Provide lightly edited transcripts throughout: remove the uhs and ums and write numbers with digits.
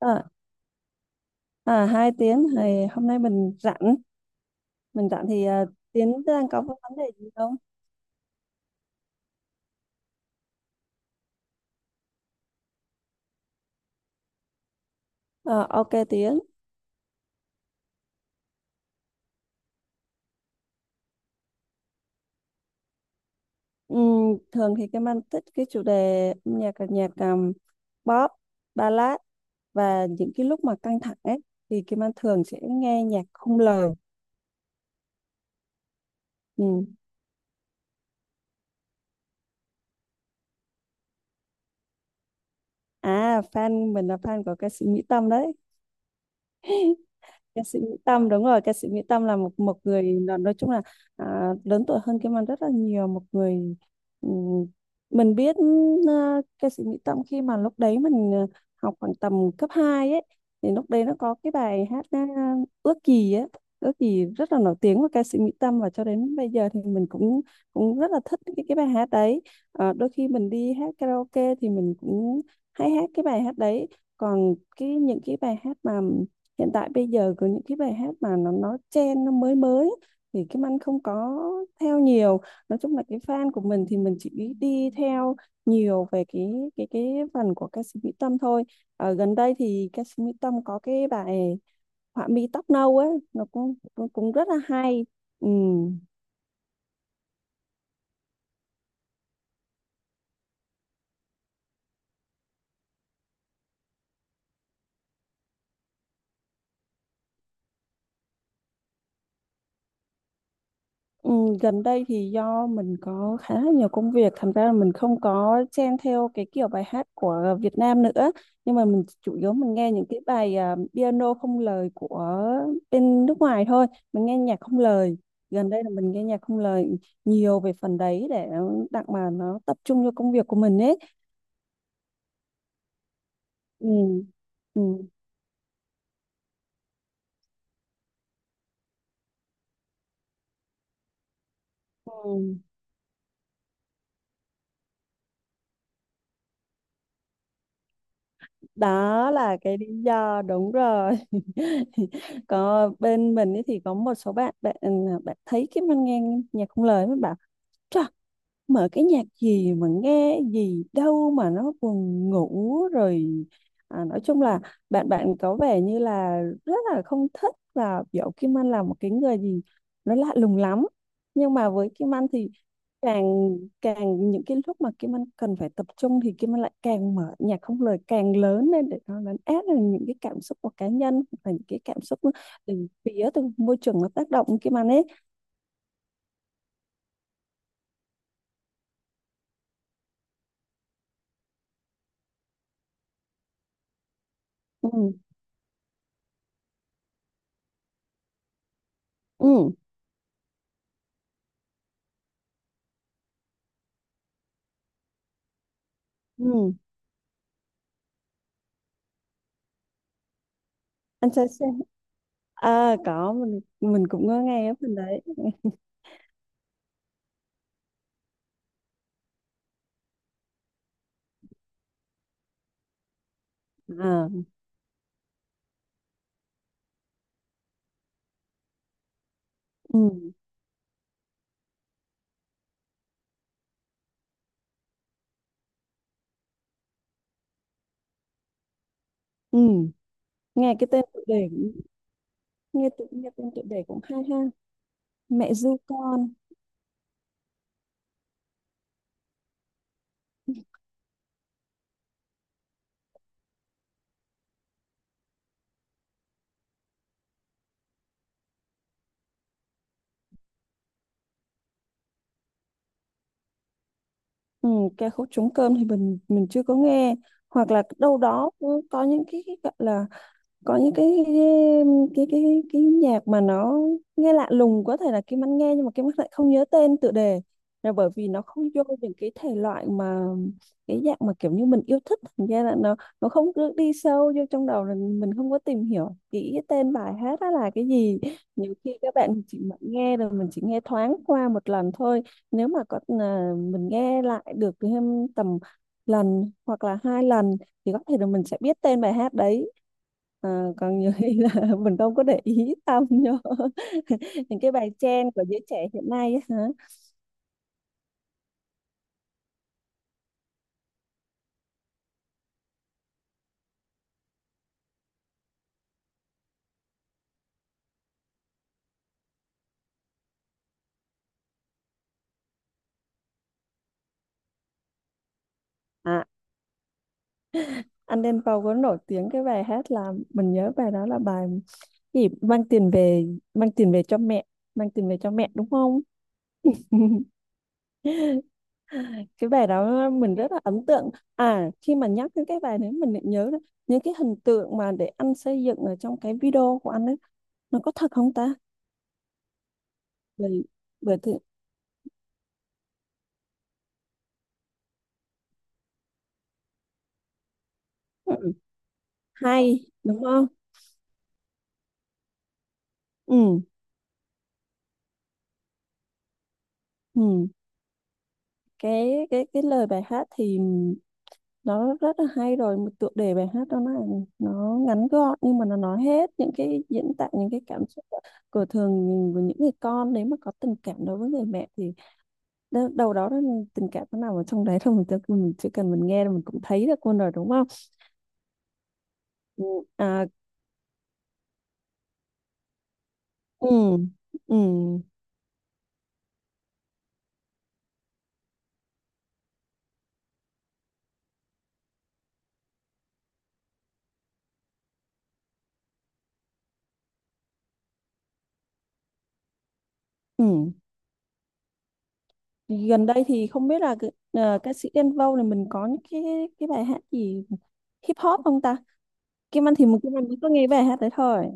À, 2 tiếng thì hôm nay mình rảnh, thì Tiến đang có cái vấn đề gì không? OK Tiến. Thường thì cái mang thích cái chủ đề âm nhạc là nhạc, pop, ballad, và những cái lúc mà căng thẳng ấy thì Kim Anh thường sẽ nghe nhạc không lời. Ừm. Fan mình là fan của ca sĩ Mỹ Tâm đấy. Ca sĩ Mỹ Tâm, đúng rồi, ca sĩ Mỹ Tâm là một một người, là nói chung là, lớn tuổi hơn Kim Anh rất là nhiều. Một người, ừm, mình biết, ca sĩ Mỹ Tâm khi mà lúc đấy mình học khoảng tầm cấp 2 ấy, thì lúc đấy nó có cái bài hát Ước Gì ấy. Ước Gì rất là nổi tiếng của ca sĩ Mỹ Tâm, và cho đến bây giờ thì mình cũng cũng rất là thích cái bài hát đấy. Đôi khi mình đi hát karaoke thì mình cũng hay hát cái bài hát đấy. Còn cái, những cái bài hát mà hiện tại bây giờ, có những cái bài hát mà nó trend, nó mới mới, thì Kim Anh không có theo nhiều. Nói chung là cái fan của mình thì mình chỉ đi theo nhiều về cái phần của ca sĩ Mỹ Tâm thôi. Ở gần đây thì ca sĩ Mỹ Tâm có cái bài Họa Mi Tóc Nâu ấy, nó cũng cũng cũng rất là hay. Ừ. Ừ, gần đây thì do mình có khá là nhiều công việc, thành ra là mình không có chen theo cái kiểu bài hát của Việt Nam nữa. Nhưng mà mình chủ yếu mình nghe những cái bài piano không lời của bên nước ngoài thôi. Mình nghe nhạc không lời. Gần đây là mình nghe nhạc không lời nhiều về phần đấy, để đặng mà nó tập trung cho công việc của mình ấy. Ừ. Ừ. Ừ. Đó là cái lý do, đúng rồi. Có bên mình ấy thì có một số bạn bạn à, bạn thấy cái mình nghe nhạc không lời mới bảo: "Chà, mở cái nhạc gì mà nghe gì đâu mà nó buồn ngủ rồi." Nói chung là bạn bạn có vẻ như là rất là không thích, và biểu Kim Anh là một cái người gì nó lạ lùng lắm. Nhưng mà với Kim Anh thì càng càng những cái lúc mà Kim Anh cần phải tập trung thì Kim Anh lại càng mở nhạc không lời càng lớn lên, để nó lấn át được những cái cảm xúc của cá nhân, và những cái cảm xúc từ phía, từ môi trường nó tác động Kim Anh ấy. Ừ. Ừ. Ừ. anh sẽ à Có mình cũng có nghe ở bên đấy. À. Ừ. Ừ. nghe cái tên tựa đề cũng- Nghe tên tựa đề cũng hay ha. Mẹ ru con. Ừ, cái khúc Trống Cơm thì mình chưa có nghe. Hoặc là đâu đó cũng có những cái gọi là, có những cái nhạc mà nó nghe lạ lùng, có thể là Kim Anh nghe nhưng mà Kim Anh lại không nhớ tên tựa đề, là bởi vì nó không vô những cái thể loại mà, cái dạng mà kiểu như mình yêu thích, thành ra là nó không, cứ đi sâu vô trong đầu là mình không có tìm hiểu kỹ cái tên bài hát đó là cái gì. Nhiều khi các bạn chỉ mà nghe rồi mình chỉ nghe thoáng qua 1 lần thôi, nếu mà có mình nghe lại được thêm tầm lần hoặc là 2 lần, thì có thể là mình sẽ biết tên bài hát đấy. Còn nhiều khi là mình không có để ý tâm vô. Những cái bài trend của giới trẻ hiện nay á hả. à anh Đen Vâu có nổi tiếng cái bài hát, là mình nhớ bài đó là bài gì, mang tiền về, mang tiền về cho mẹ. Mang tiền về cho mẹ, đúng không? Cái bài đó mình rất là ấn tượng. À, khi mà nhắc đến cái bài đấy mình lại nhớ là những cái hình tượng mà để anh xây dựng ở trong cái video của anh ấy, nó có thật không ta? Bởi bởi thì Ừ, hay đúng không. Ừ. Ừ. Cái lời bài hát thì nó rất là hay rồi. Một tựa đề bài hát đó là nó ngắn gọn, nhưng mà nó nói hết những cái, diễn tả những cái cảm xúc của, thường, của những người con. Nếu mà có tình cảm đối với người mẹ thì, đâu đó là tình cảm nó nằm ở trong đấy thôi, mình, tự mình chỉ cần mình nghe là mình cũng thấy được luôn rồi, đúng không? Ừ. À. Ừ. Ừ. Ừ. Gần đây thì không biết là ca sĩ Đen Vâu này mình có những cái bài hát gì hip hop không ta. Kim Anh thì mình, Kim Anh mới có nghe bài hát đấy thôi.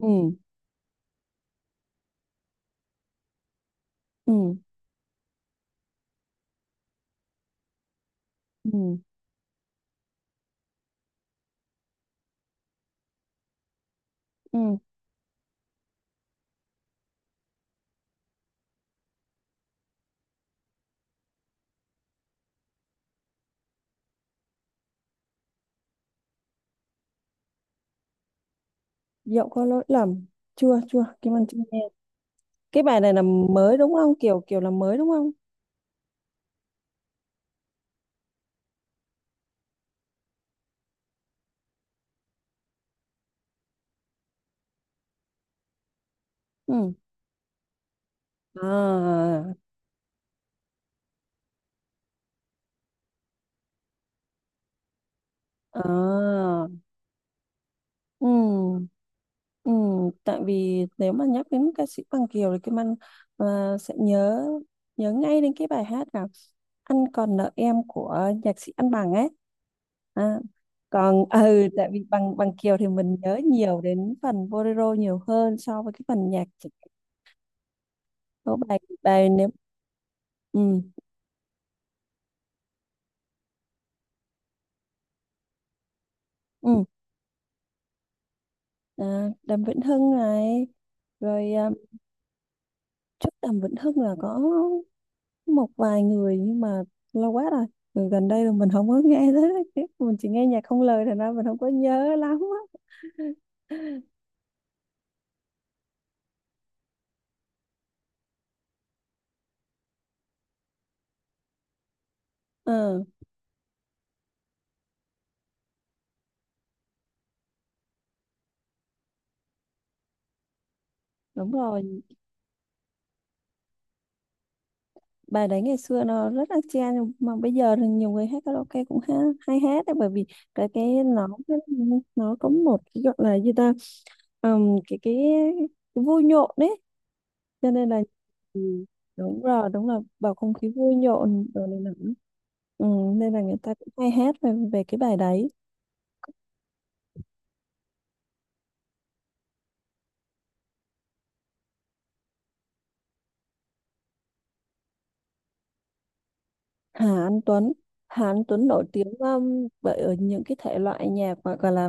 Ừ. Ừ. Ừ. Ừ. Dẫu có lỗi lầm. Chưa, chưa, Kim Anh chưa nghe. Cái bài này là mới đúng không, kiểu kiểu là mới đúng không? Ừ. À. À. Ừ. Ừ. Tại vì nếu mà nhắc đến ca sĩ Bằng Kiều thì Kim Anh à, sẽ nhớ nhớ ngay đến cái bài hát là Anh Còn Nợ Em của nhạc sĩ Anh Bằng ấy. à, Còn ừ, tại vì bằng bằng Kiều thì mình nhớ nhiều đến phần bolero nhiều hơn so với cái phần nhạc. Có bài, nếu. Ừ. Ừ. Đàm Vĩnh Hưng này. Rồi trước Đàm Vĩnh Hưng là có một vài người nhưng mà lâu quá rồi. Rồi gần đây là mình không có nghe tới, mình chỉ nghe nhạc không lời, thành ra mình không có nhớ lắm á. Ừ. Đúng rồi. Bài đấy ngày xưa nó rất là chen, nhưng mà bây giờ thì nhiều người hát karaoke cũng, ha, hay hát đấy. Bởi vì cái, nó có một cái gọi là gì ta, ừm, cái, cái cái vui nhộn đấy, cho nên là. Ừ, đúng rồi, đúng là bầu không khí vui nhộn rồi nên là. Ừ, nên là người ta cũng hay hát về, về cái bài đấy. Hà Anh Tuấn. Hà Anh Tuấn nổi tiếng, bởi ở những cái thể loại nhạc mà gọi là,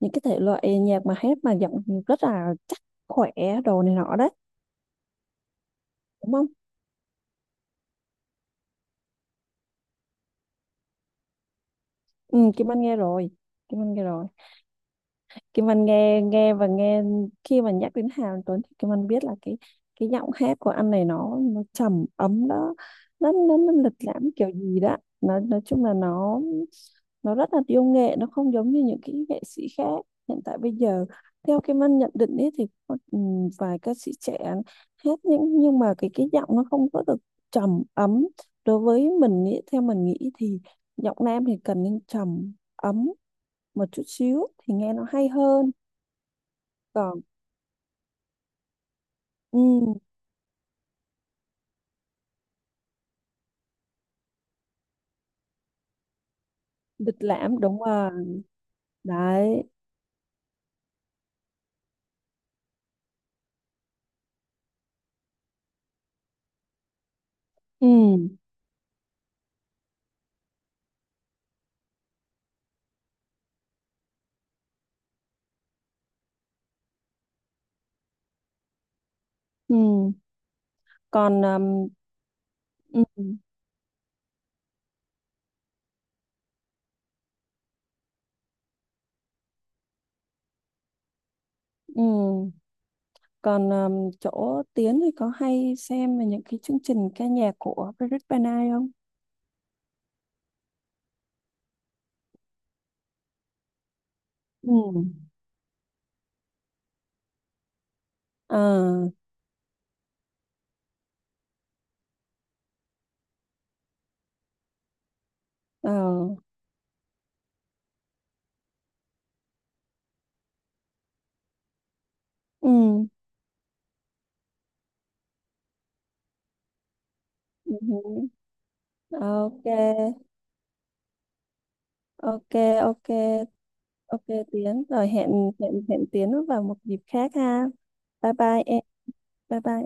những cái thể loại nhạc mà hát, mà giọng rất là chắc, khỏe, đồ này nọ đấy, đúng không? Ừ, Kim Anh nghe rồi, Kim Anh nghe rồi. Kim Anh nghe, nghe và nghe. Khi mà nhắc đến Hà Anh Tuấn thì Kim Anh biết là cái giọng hát của anh này nó trầm ấm đó, nó lịch lãm kiểu gì đó, nó nói chung là nó rất là yêu nghệ, nó không giống như những cái nghệ sĩ khác hiện tại bây giờ. Theo Kim Anh nhận định ấy thì có, vài ca sĩ trẻ hát những, nhưng mà cái giọng nó không có được trầm ấm. Đối với mình ý, theo mình nghĩ thì giọng nam thì cần nên trầm ấm một chút xíu thì nghe nó hay hơn. Còn ừ, lịch lãm đúng rồi đấy. Ừ. Ừ. Còn ừ. Ừ. Còn chỗ Tiến thì có hay xem về những cái chương trình ca nhạc của Patrick Van Ai không? Ừ. Ờ. À. Ừ. Ừ. Ừ. OK. OK. OK. OK. Tiến, rồi hẹn, hẹn Tiến vào một dịp khác ha. Bye bye em. Bye bye.